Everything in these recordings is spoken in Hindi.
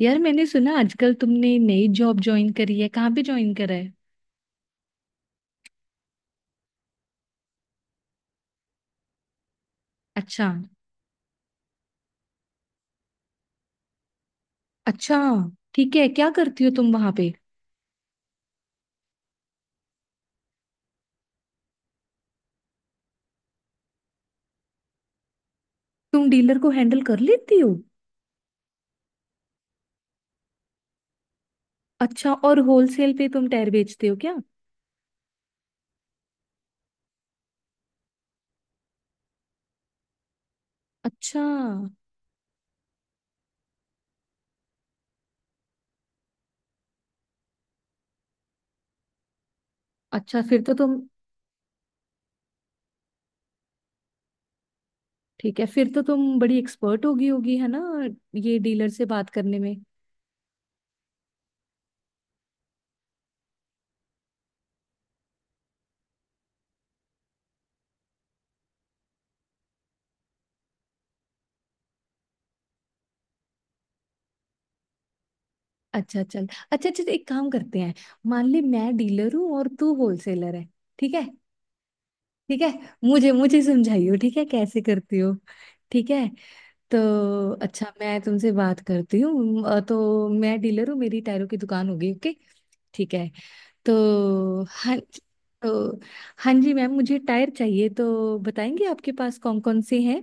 यार, मैंने सुना आजकल तुमने नई जॉब ज्वाइन करी है। कहाँ पे ज्वाइन करा है? अच्छा। अच्छा, ठीक है, क्या करती हो तुम वहां पे? तुम डीलर को हैंडल कर लेती हो? अच्छा, और होलसेल पे तुम टायर बेचते हो क्या? अच्छा। अच्छा, फिर तो तुम, ठीक है फिर तो तुम बड़ी एक्सपर्ट होगी होगी है ना, ये डीलर से बात करने में। अच्छा चल। अच्छा अच्छा, तो एक काम करते हैं। मान ले मैं डीलर हूँ और तू होलसेलर है। ठीक है? ठीक है। मुझे मुझे समझाइयो, ठीक है, कैसे करती हो। ठीक है। तो अच्छा, मैं तुमसे बात करती हूँ। तो मैं डीलर हूँ, मेरी टायरों की दुकान होगी। ओके? ठीक है। तो हाँ। तो हाँ जी मैम, मुझे टायर चाहिए, तो बताएंगे आपके पास कौन कौन से हैं?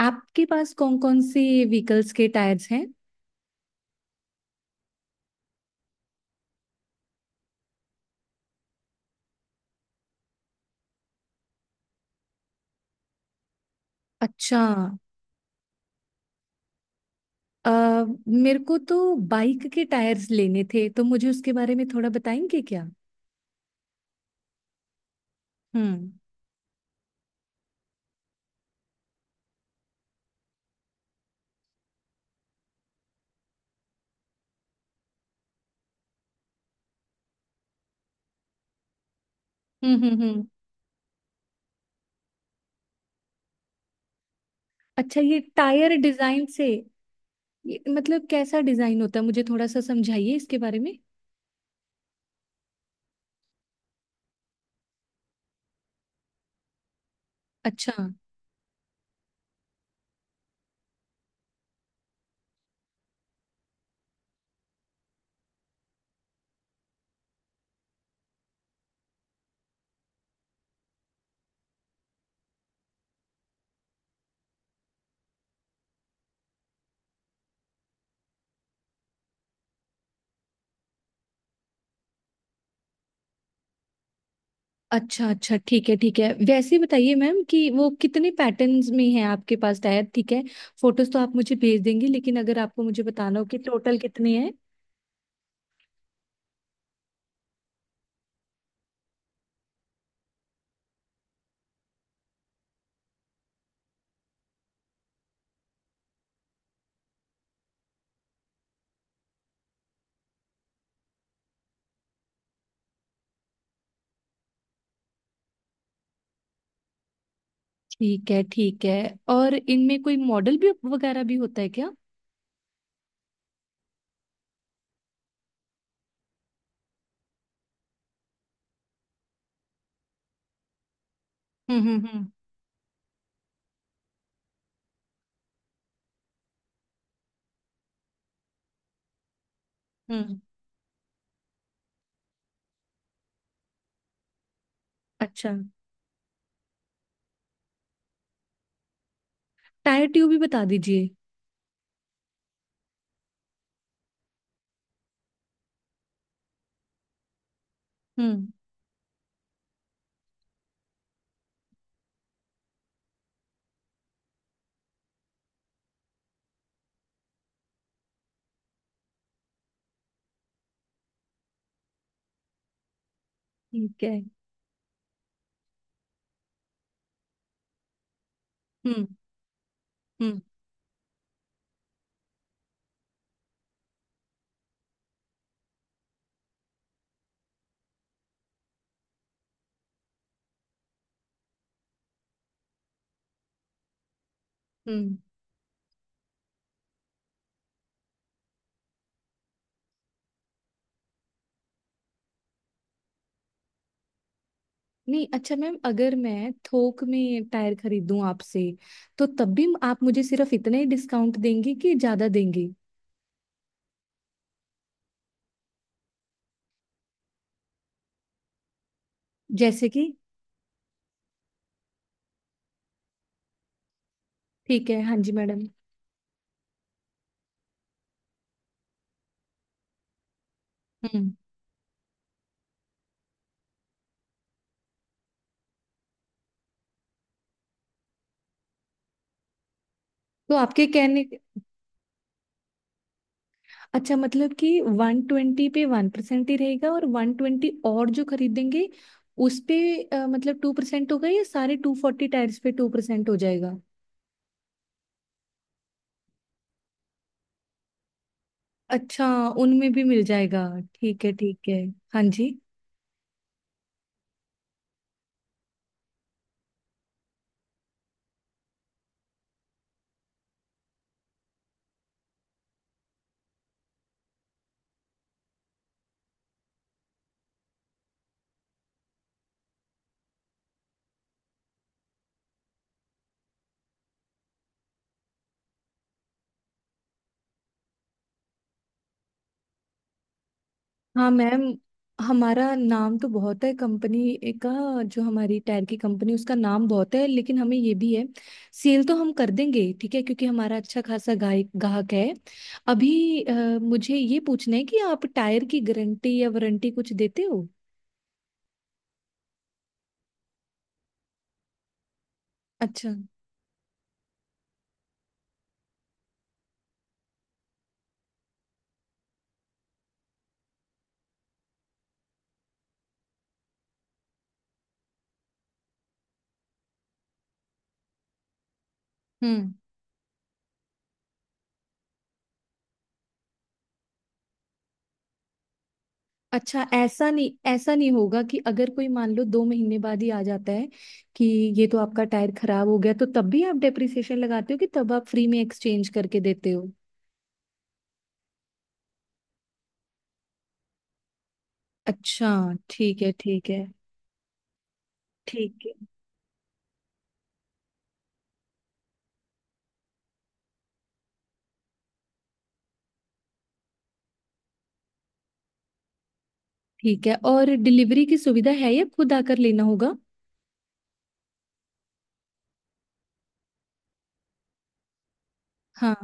आपके पास कौन कौन से व्हीकल्स के टायर्स हैं? अच्छा। अ, मेरे को तो बाइक के टायर्स लेने थे, तो मुझे उसके बारे में थोड़ा बताएंगे क्या? हम्म हम्म। अच्छा, ये टायर डिजाइन से, ये मतलब कैसा डिजाइन होता है, मुझे थोड़ा सा समझाइए इसके बारे में। अच्छा। अच्छा अच्छा ठीक है, ठीक है, वैसे बताइए मैम कि वो कितने पैटर्न्स में है आपके पास टायर। ठीक है, फोटोज तो आप मुझे भेज देंगे, लेकिन अगर आपको मुझे बताना हो कि टोटल कितने हैं। ठीक है, ठीक है, और इनमें कोई मॉडल भी वगैरह भी होता है क्या? हम्म हम्म हम्म हम्म। अच्छा। टायर ट्यूब भी बता दीजिए। हम्म। ठीक है। हम्म हम्म हम्म। नहीं, अच्छा मैम, अगर मैं थोक में टायर खरीदूं आपसे, तो तब भी आप मुझे सिर्फ इतना ही डिस्काउंट देंगी कि ज्यादा देंगी? जैसे कि? ठीक है, हाँ जी मैडम। हम्म। तो आपके कहने, अच्छा मतलब कि 120 पे 1% ही रहेगा, और 120 और जो खरीदेंगे उस पे मतलब 2% होगा, या सारे 240 टायर्स पे 2% हो जाएगा? अच्छा, उनमें भी मिल जाएगा। ठीक है, ठीक है। हाँ जी। हाँ मैम, हमारा नाम तो बहुत है कंपनी का, जो हमारी टायर की कंपनी, उसका नाम बहुत है, लेकिन हमें ये भी है, सेल तो हम कर देंगे ठीक है, क्योंकि हमारा अच्छा खासा गाय ग्राहक है। अभी मुझे ये पूछना है कि आप टायर की गारंटी या वारंटी कुछ देते हो? अच्छा। हम्म। अच्छा, ऐसा नहीं, ऐसा नहीं होगा कि अगर कोई मान लो 2 महीने बाद ही आ जाता है कि ये तो आपका टायर खराब हो गया, तो तब भी आप डेप्रिसिएशन लगाते हो, कि तब आप फ्री में एक्सचेंज करके देते। अच्छा, ठीक है, ठीक है। ठीक है, ठीक है, और डिलीवरी की सुविधा है या खुद आकर लेना होगा? हाँ,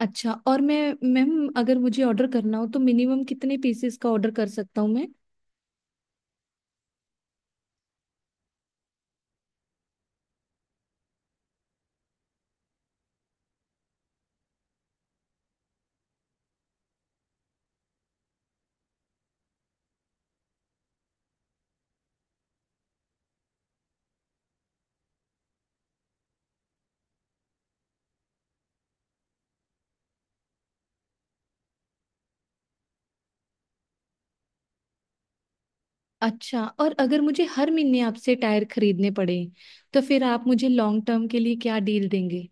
अच्छा, और मैं, मैम अगर मुझे ऑर्डर करना हो तो मिनिमम कितने पीसेस का ऑर्डर कर सकता हूँ मैं? अच्छा, और अगर मुझे हर महीने आपसे टायर खरीदने पड़े, तो फिर आप मुझे लॉन्ग टर्म के लिए क्या डील देंगे?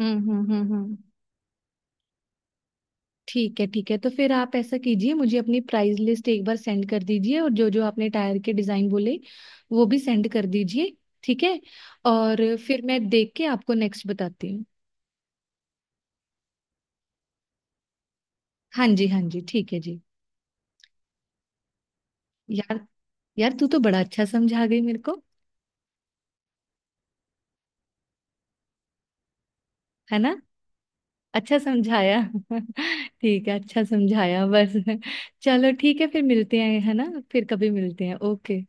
हम्म। ठीक है, ठीक है, तो फिर आप ऐसा कीजिए, मुझे अपनी प्राइस लिस्ट एक बार सेंड कर दीजिए, और जो जो आपने टायर के डिज़ाइन बोले वो भी सेंड कर दीजिए। ठीक है, और फिर मैं देख के आपको नेक्स्ट बताती हूँ। हाँ जी, हाँ जी, ठीक है जी। यार, यार तू तो बड़ा अच्छा समझा गई मेरे को, है ना? अच्छा समझाया ठीक है, अच्छा समझाया बस चलो ठीक है, फिर मिलते हैं, है ना, फिर कभी मिलते हैं। ओके।